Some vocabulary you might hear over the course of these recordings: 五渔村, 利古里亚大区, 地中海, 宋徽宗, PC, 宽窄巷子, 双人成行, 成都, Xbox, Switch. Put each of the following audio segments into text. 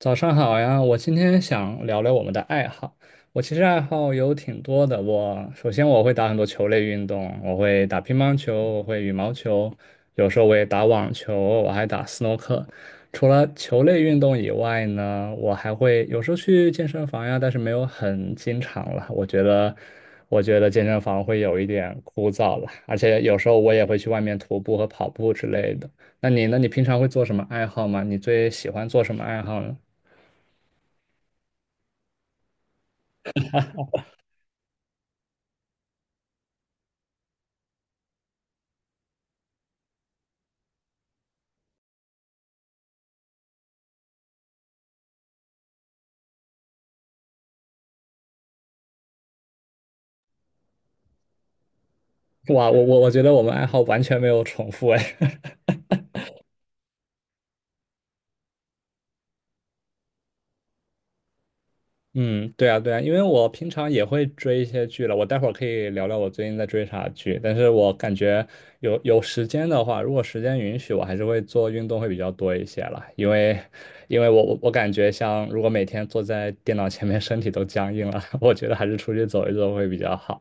早上好呀，我今天想聊聊我们的爱好。我其实爱好有挺多的，我首先会打很多球类运动，我会打乒乓球，我会羽毛球，有时候我也打网球，我还打斯诺克。除了球类运动以外呢，我还会有时候去健身房呀，但是没有很经常了。我觉得健身房会有一点枯燥了，而且有时候我也会去外面徒步和跑步之类的。那你呢？你平常会做什么爱好吗？你最喜欢做什么爱好呢？哇，我觉得我们爱好完全没有重复哎。嗯，对啊，因为我平常也会追一些剧了，我待会儿可以聊聊我最近在追啥剧。但是我感觉有时间的话，如果时间允许，我还是会做运动会比较多一些了，因为我感觉像如果每天坐在电脑前面，身体都僵硬了，我觉得还是出去走一走会比较好。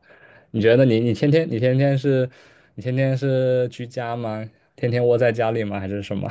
你觉得你天天是居家吗？天天窝在家里吗？还是什么？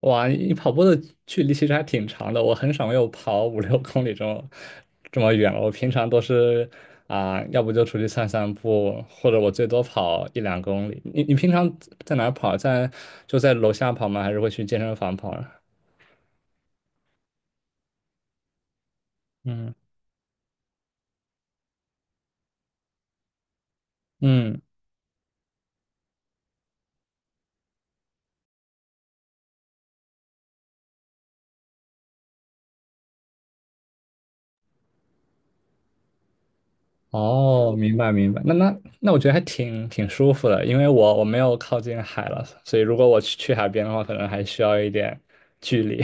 哇，你跑步的距离其实还挺长的，我很少有跑五六公里这么远了。我平常都是要不就出去散散步，或者我最多跑一两公里。你平常在哪儿跑？在楼下跑吗？还是会去健身房跑啊？嗯嗯。哦，明白明白，那我觉得还挺舒服的，因为我没有靠近海了，所以如果我去海边的话，可能还需要一点距离。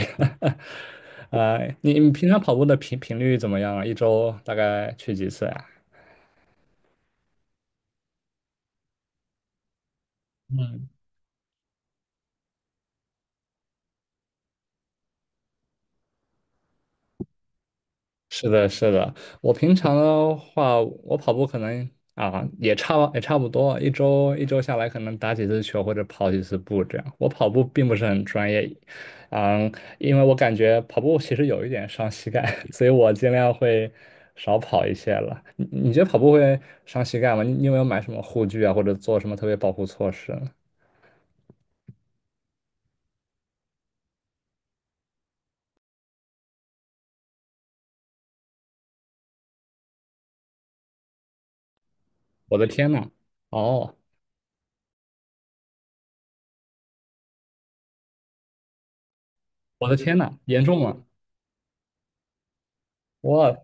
你平常跑步的频率怎么样啊？一周大概去几次呀？嗯。是的，是的，我平常的话，我跑步可能啊也差不多，一周下来可能打几次球或者跑几次步这样。我跑步并不是很专业，嗯，因为我感觉跑步其实有一点伤膝盖，所以我尽量会少跑一些了。你觉得跑步会伤膝盖吗？你有没有买什么护具啊，或者做什么特别保护措施呢？我的天呐！哦，我的天呐，严重吗？我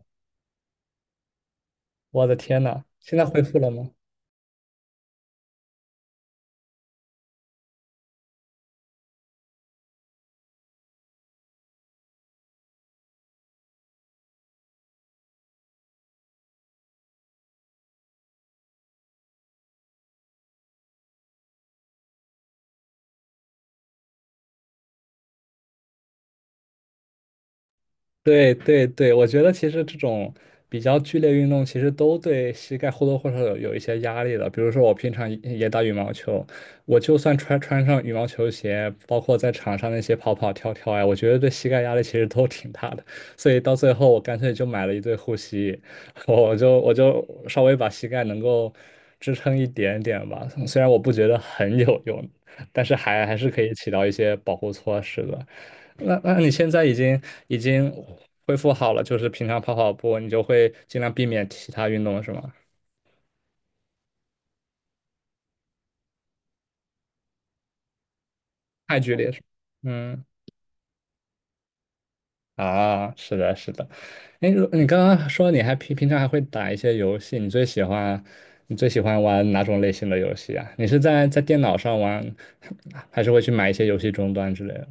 我的天呐，现在恢复了吗？对对对，我觉得其实这种比较剧烈运动，其实都对膝盖或多或少有一些压力的。比如说，我平常也打羽毛球，我就算穿上羽毛球鞋，包括在场上那些跑跑跳跳呀，我觉得对膝盖压力其实都挺大的。所以到最后，我干脆就买了一对护膝，我就稍微把膝盖能够支撑一点点吧。虽然我不觉得很有用，但是还是可以起到一些保护措施的。那你现在已经恢复好了，就是平常跑跑步，你就会尽量避免其他运动是吗？太剧烈是吗？嗯啊，是的，是的。哎，如你刚刚说你还平常还会打一些游戏，你最喜欢玩哪种类型的游戏啊？你是在电脑上玩，还是会去买一些游戏终端之类的？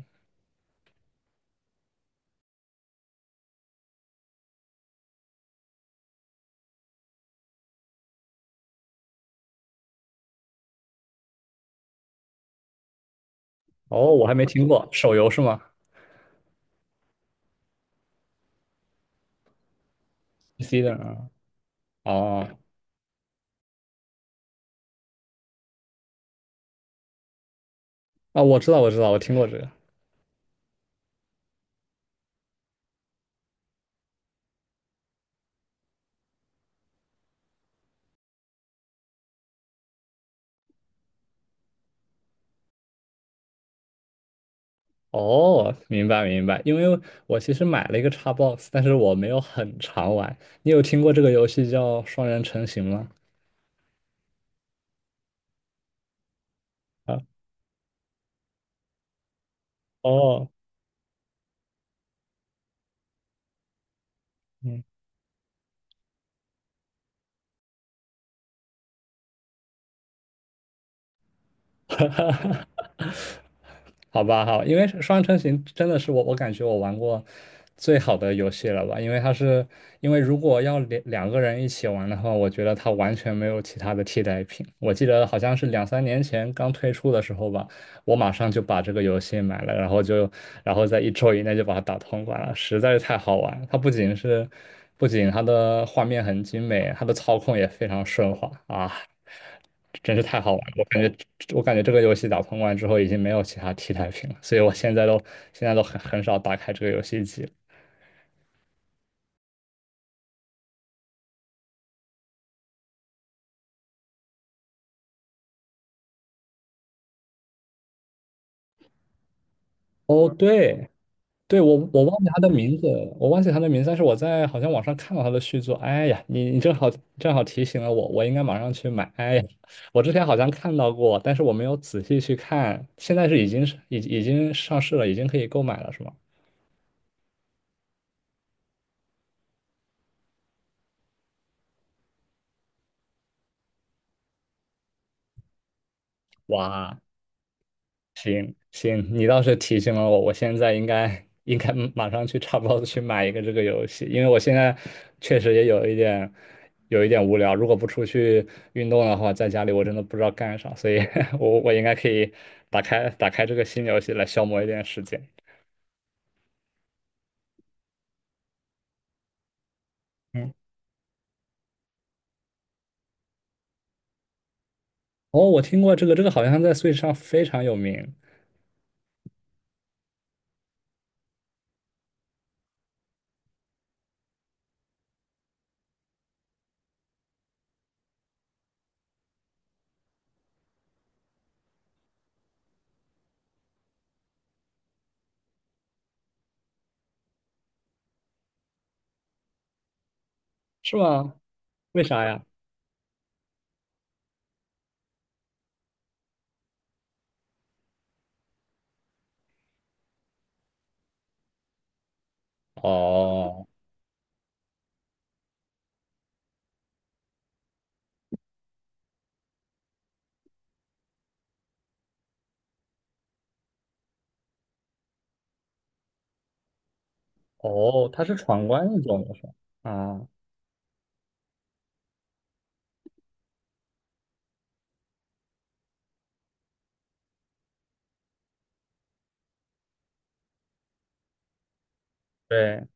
哦，我还没听过，手游是吗？PC 的啊，哦啊，我知道，我知道，我听过这个。哦，明白明白，因为我其实买了一个 Xbox，但是我没有很常玩。你有听过这个游戏叫《双人成行》吗？啊，哦，嗯，好吧，好，因为是双人成行》真的是我，我感觉我玩过最好的游戏了吧，因为它是，因为如果要两个人一起玩的话，我觉得它完全没有其他的替代品。我记得好像是两三年前刚推出的时候吧，我马上就把这个游戏买了，然后就，然后在一周以内就把它打通关了，实在是太好玩了它不仅是，不仅它的画面很精美，它的操控也非常顺滑啊，真是太好玩了。我感觉，我感觉这个游戏打通关之后已经没有其他替代品了，所以我现在都很少打开这个游戏机了。哦，对，对，我忘记他的名字，我忘记他的名字，但是我在好像网上看到他的续作。哎呀，你正好提醒了我，我应该马上去买。哎呀，我之前好像看到过，但是我没有仔细去看。现在是已经上市了，已经可以购买了，是吗？哇，行，你倒是提醒了我，我现在应该马上去差不多去买一个这个游戏，因为我现在确实也有一点无聊，如果不出去运动的话，在家里我真的不知道干啥，所以 我应该可以打开这个新游戏来消磨一点时间。嗯，哦，我听过这个，这个好像在 Switch 上非常有名，是吗？为啥呀？哦哦，它是闯关那种游戏啊。对，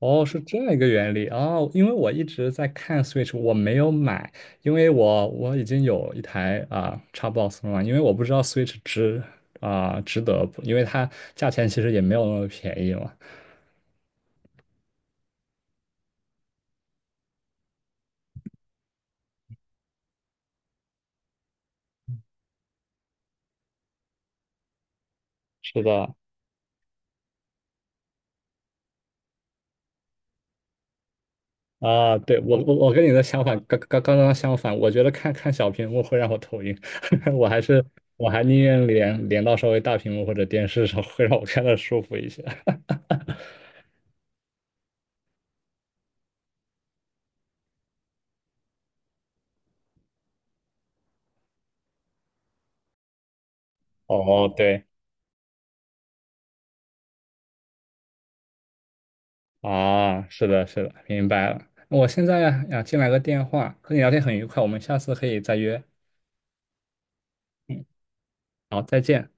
哦，是这样一个原理哦，因为我一直在看 Switch，我没有买，因为我我已经有一台Xbox 了嘛，因为我不知道 Switch 值值得不，因为它价钱其实也没有那么便宜嘛。是的，对，我跟你的想法刚刚相反，我觉得看看小屏幕会让我头晕，我还是我还宁愿连到稍微大屏幕或者电视上，会让我看的舒服一些。哦，对，啊，是的，是的，明白了。我现在呀，进来个电话，和你聊天很愉快，我们下次可以再约。好，再见。